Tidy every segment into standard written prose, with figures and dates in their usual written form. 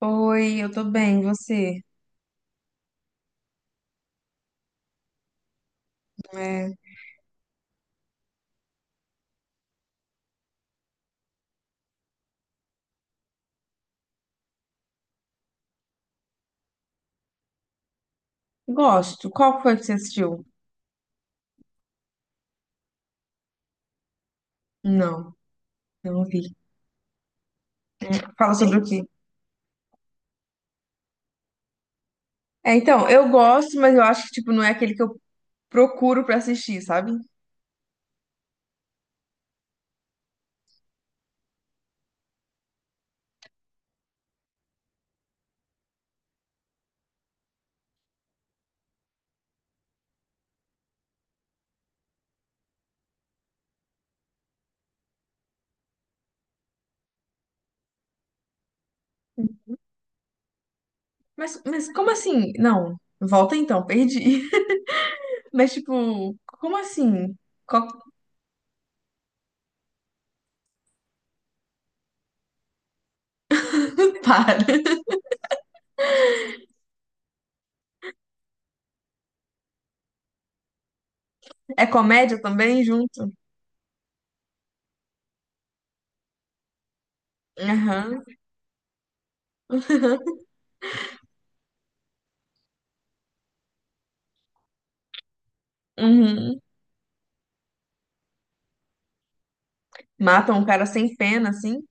Oi, eu tô bem, e você? É, gosto. Qual foi que você assistiu? Não, não vi. Fala sobre o quê? É, então, eu gosto, mas eu acho que, tipo, não é aquele que eu procuro pra assistir, sabe? Mas como assim? Não, volta então, perdi. Mas, tipo, como assim? Qual que para? É comédia também, junto? Aham, uhum. Matam um cara sem pena, assim?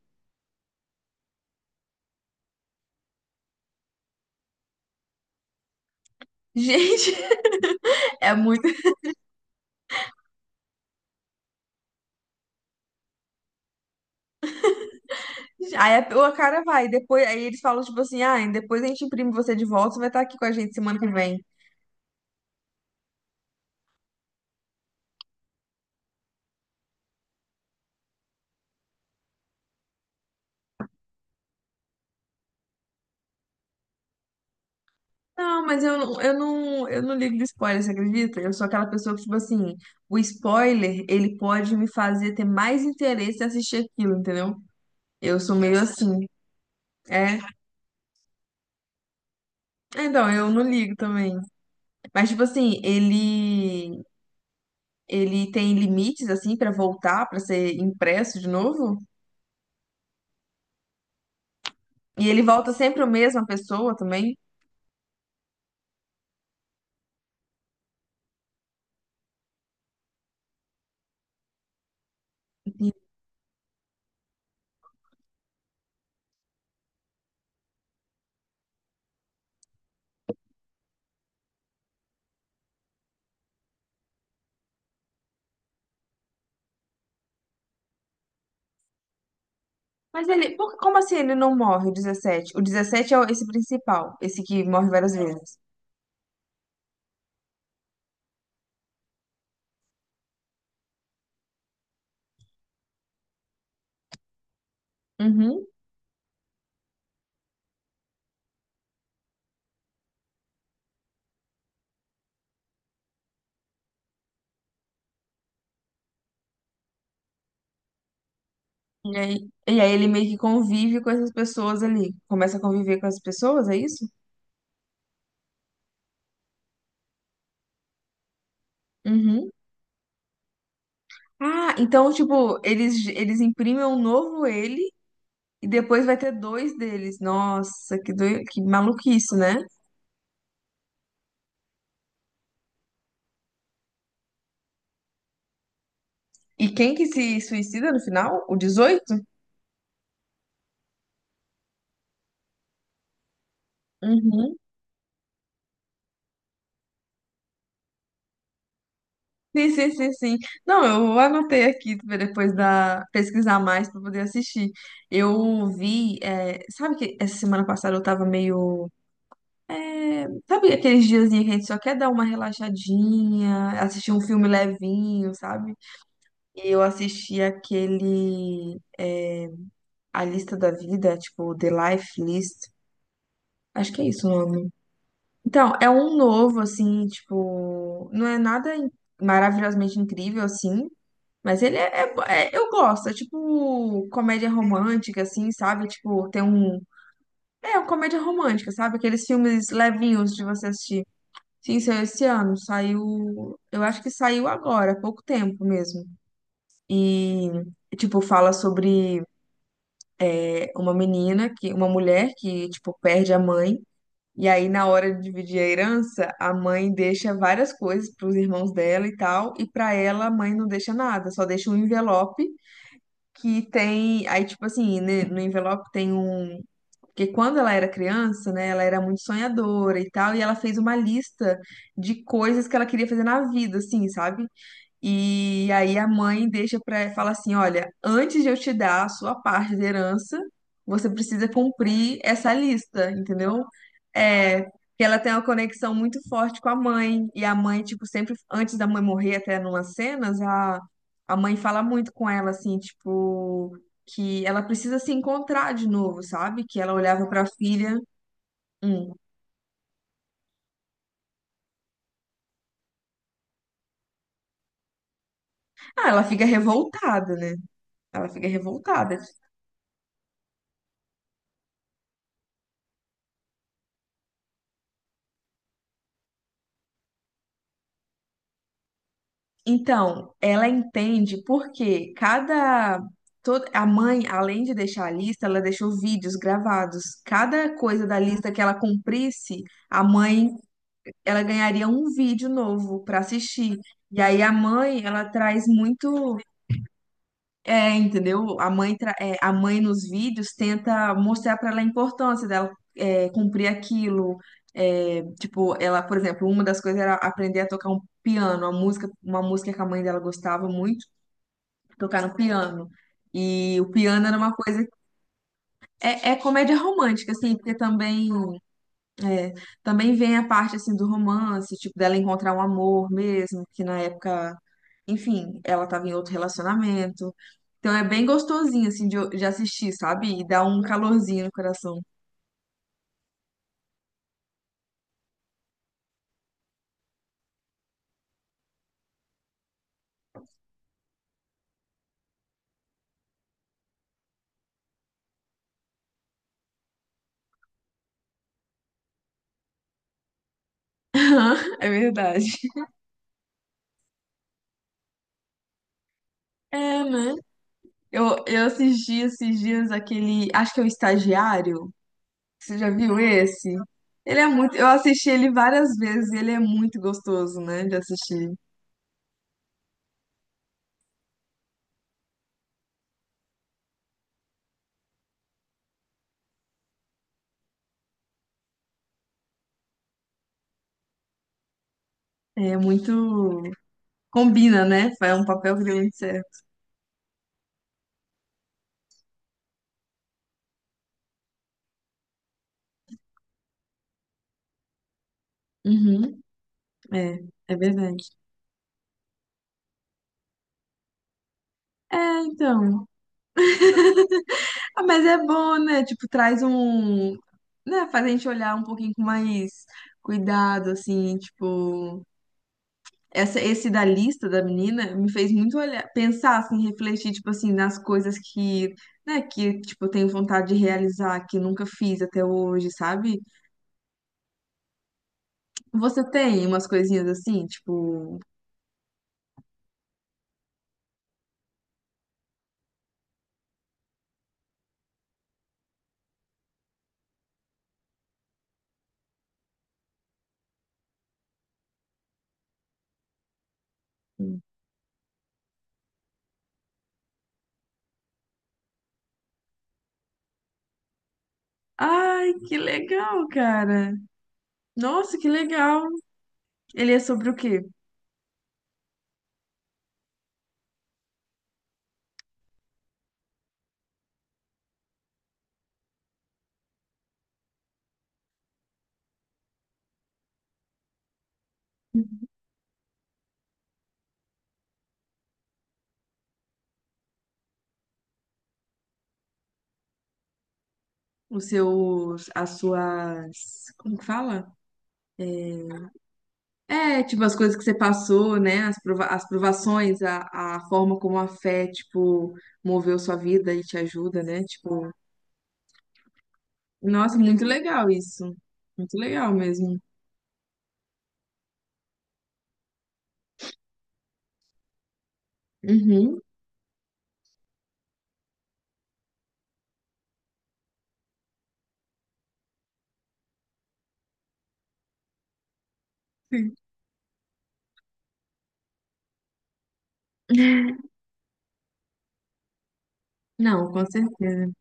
Gente, é muito. Aí a cara vai, depois aí eles falam tipo assim, ah, depois a gente imprime você de volta, você vai estar aqui com a gente semana que vem. Não, mas eu não ligo de spoiler, você acredita? Eu sou aquela pessoa que, tipo assim, o spoiler, ele pode me fazer ter mais interesse em assistir aquilo, entendeu? Eu sou meio assim. É, é, então, eu não ligo também. Mas, tipo assim, ele tem limites, assim, pra voltar, pra ser impresso de novo? E ele volta sempre a mesma pessoa também? Mas ele, como assim ele não morre, o 17? O 17 é esse principal, esse que morre várias, é, vezes. Uhum. E aí, ele meio que convive com essas pessoas ali. Começa a conviver com as pessoas, é isso? Uhum. Ah, então, tipo, eles imprimem um novo ele e depois vai ter dois deles. Nossa, que maluquice, né? E quem que se suicida no final? O dezoito. Uhum. Sim, sim, sim, sim. Não, eu anotei aqui pra depois da pesquisar mais para poder assistir. Eu vi, é, sabe que essa semana passada eu tava meio, é, sabe aqueles diazinhos que a gente só quer dar uma relaxadinha, assistir um filme levinho, sabe? E eu assisti aquele, é, A Lista da Vida, tipo The Life List. Acho que é isso o nome. Então, é um novo assim, tipo, não é nada maravilhosamente incrível assim. Mas ele é, eu gosto, é tipo comédia romântica, assim, sabe? Tipo, tem um. É, uma comédia romântica, sabe? Aqueles filmes levinhos de você assistir. Sim, saiu esse ano, saiu. Eu acho que saiu agora, há pouco tempo mesmo. E, tipo, fala sobre, é, uma menina, que, uma mulher que, tipo, perde a mãe. E aí, na hora de dividir a herança, a mãe deixa várias coisas para os irmãos dela e tal, e para ela, a mãe não deixa nada, só deixa um envelope que tem. Aí, tipo assim, no envelope tem um. Porque quando ela era criança, né, ela era muito sonhadora e tal, e ela fez uma lista de coisas que ela queria fazer na vida, assim, sabe? E aí a mãe deixa para fala assim, olha, antes de eu te dar a sua parte da herança, você precisa cumprir essa lista, entendeu? É, que ela tem uma conexão muito forte com a mãe, e a mãe tipo sempre antes da mãe morrer até numas cenas, a mãe fala muito com ela assim, tipo que ela precisa se encontrar de novo, sabe? Que ela olhava para a filha, hum. Ah, ela fica revoltada, né? Ela fica revoltada. Então, ela entende porque cada toda a mãe, além de deixar a lista, ela deixou vídeos gravados. Cada coisa da lista que ela cumprisse, a mãe, ela ganharia um vídeo novo para assistir. E aí a mãe, ela traz muito, é, entendeu? A mãe nos vídeos tenta mostrar para ela a importância dela, é, cumprir aquilo. É, tipo, ela, por exemplo, uma das coisas era aprender a tocar um piano, uma música, que a mãe dela gostava muito tocar no piano. E o piano era uma coisa. É, comédia romântica, assim, porque também, é, também vem a parte assim, do romance, tipo, dela encontrar um amor mesmo, que na época, enfim, ela estava em outro relacionamento. Então é bem gostosinho, assim, de assistir, sabe? E dá um calorzinho no coração. É verdade. É, né? Eu assisti esses dias aquele. Acho que é o Estagiário. Você já viu esse? Ele é muito. Eu assisti ele várias vezes e ele é muito gostoso, né? De assistir. É muito. Combina, né? É um papel que deu muito certo. Uhum. É, é verdade. É, então. Ah, mas é bom, né? Tipo, traz um. Né? Faz a gente olhar um pouquinho com mais cuidado, assim, tipo. Esse da lista da menina me fez muito olhar, pensar, assim, refletir, tipo assim, nas coisas que, né, que, tipo, eu tenho vontade de realizar, que nunca fiz até hoje, sabe? Você tem umas coisinhas assim, tipo, ai, que legal, cara. Nossa, que legal. Ele é sobre o quê? Os seus, as suas, como que fala? É, É, tipo, as coisas que você passou, né? Prova as provações, a forma como a fé, tipo, moveu sua vida e te ajuda, né? Tipo, nossa, muito legal isso. Muito legal mesmo. Uhum. Sim. Não, com certeza.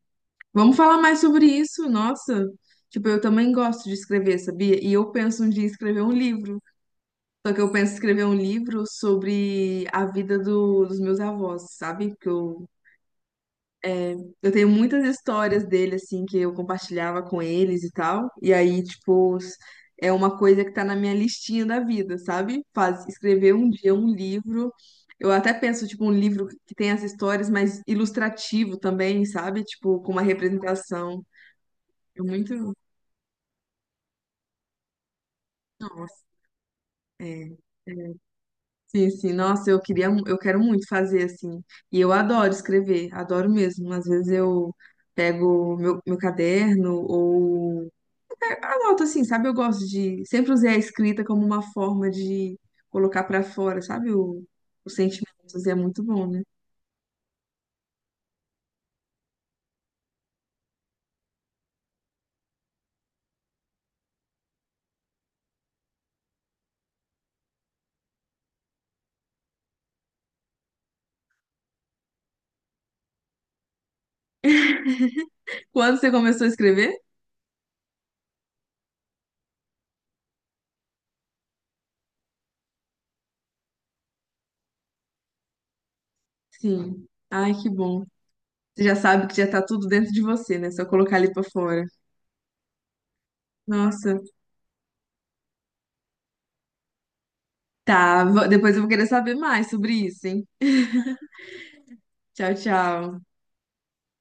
Vamos falar mais sobre isso, nossa. Tipo, eu também gosto de escrever, sabia? E eu penso um dia em escrever um livro. Só que eu penso em escrever um livro sobre a vida dos meus avós, sabe? Que eu. Eu tenho muitas histórias dele, assim, que eu compartilhava com eles e tal. E aí, tipo, é uma coisa que tá na minha listinha da vida, sabe? Escrever um dia um livro. Eu até penso, tipo, um livro que tem as histórias, mas ilustrativo também, sabe? Tipo, com uma representação. É muito. Nossa, é. É, sim, sim. Nossa, eu quero muito fazer assim. E eu adoro escrever, adoro mesmo. Às vezes eu pego meu caderno ou anoto assim, sabe? Eu gosto de. Sempre usei a escrita como uma forma de colocar pra fora, sabe? Os sentimentos. E é muito bom, né? Quando você começou a escrever? Sim. Ai, que bom. Você já sabe que já tá tudo dentro de você, né? Só colocar ali pra fora. Nossa. Tá. Depois eu vou querer saber mais sobre isso, hein? Tchau, tchau.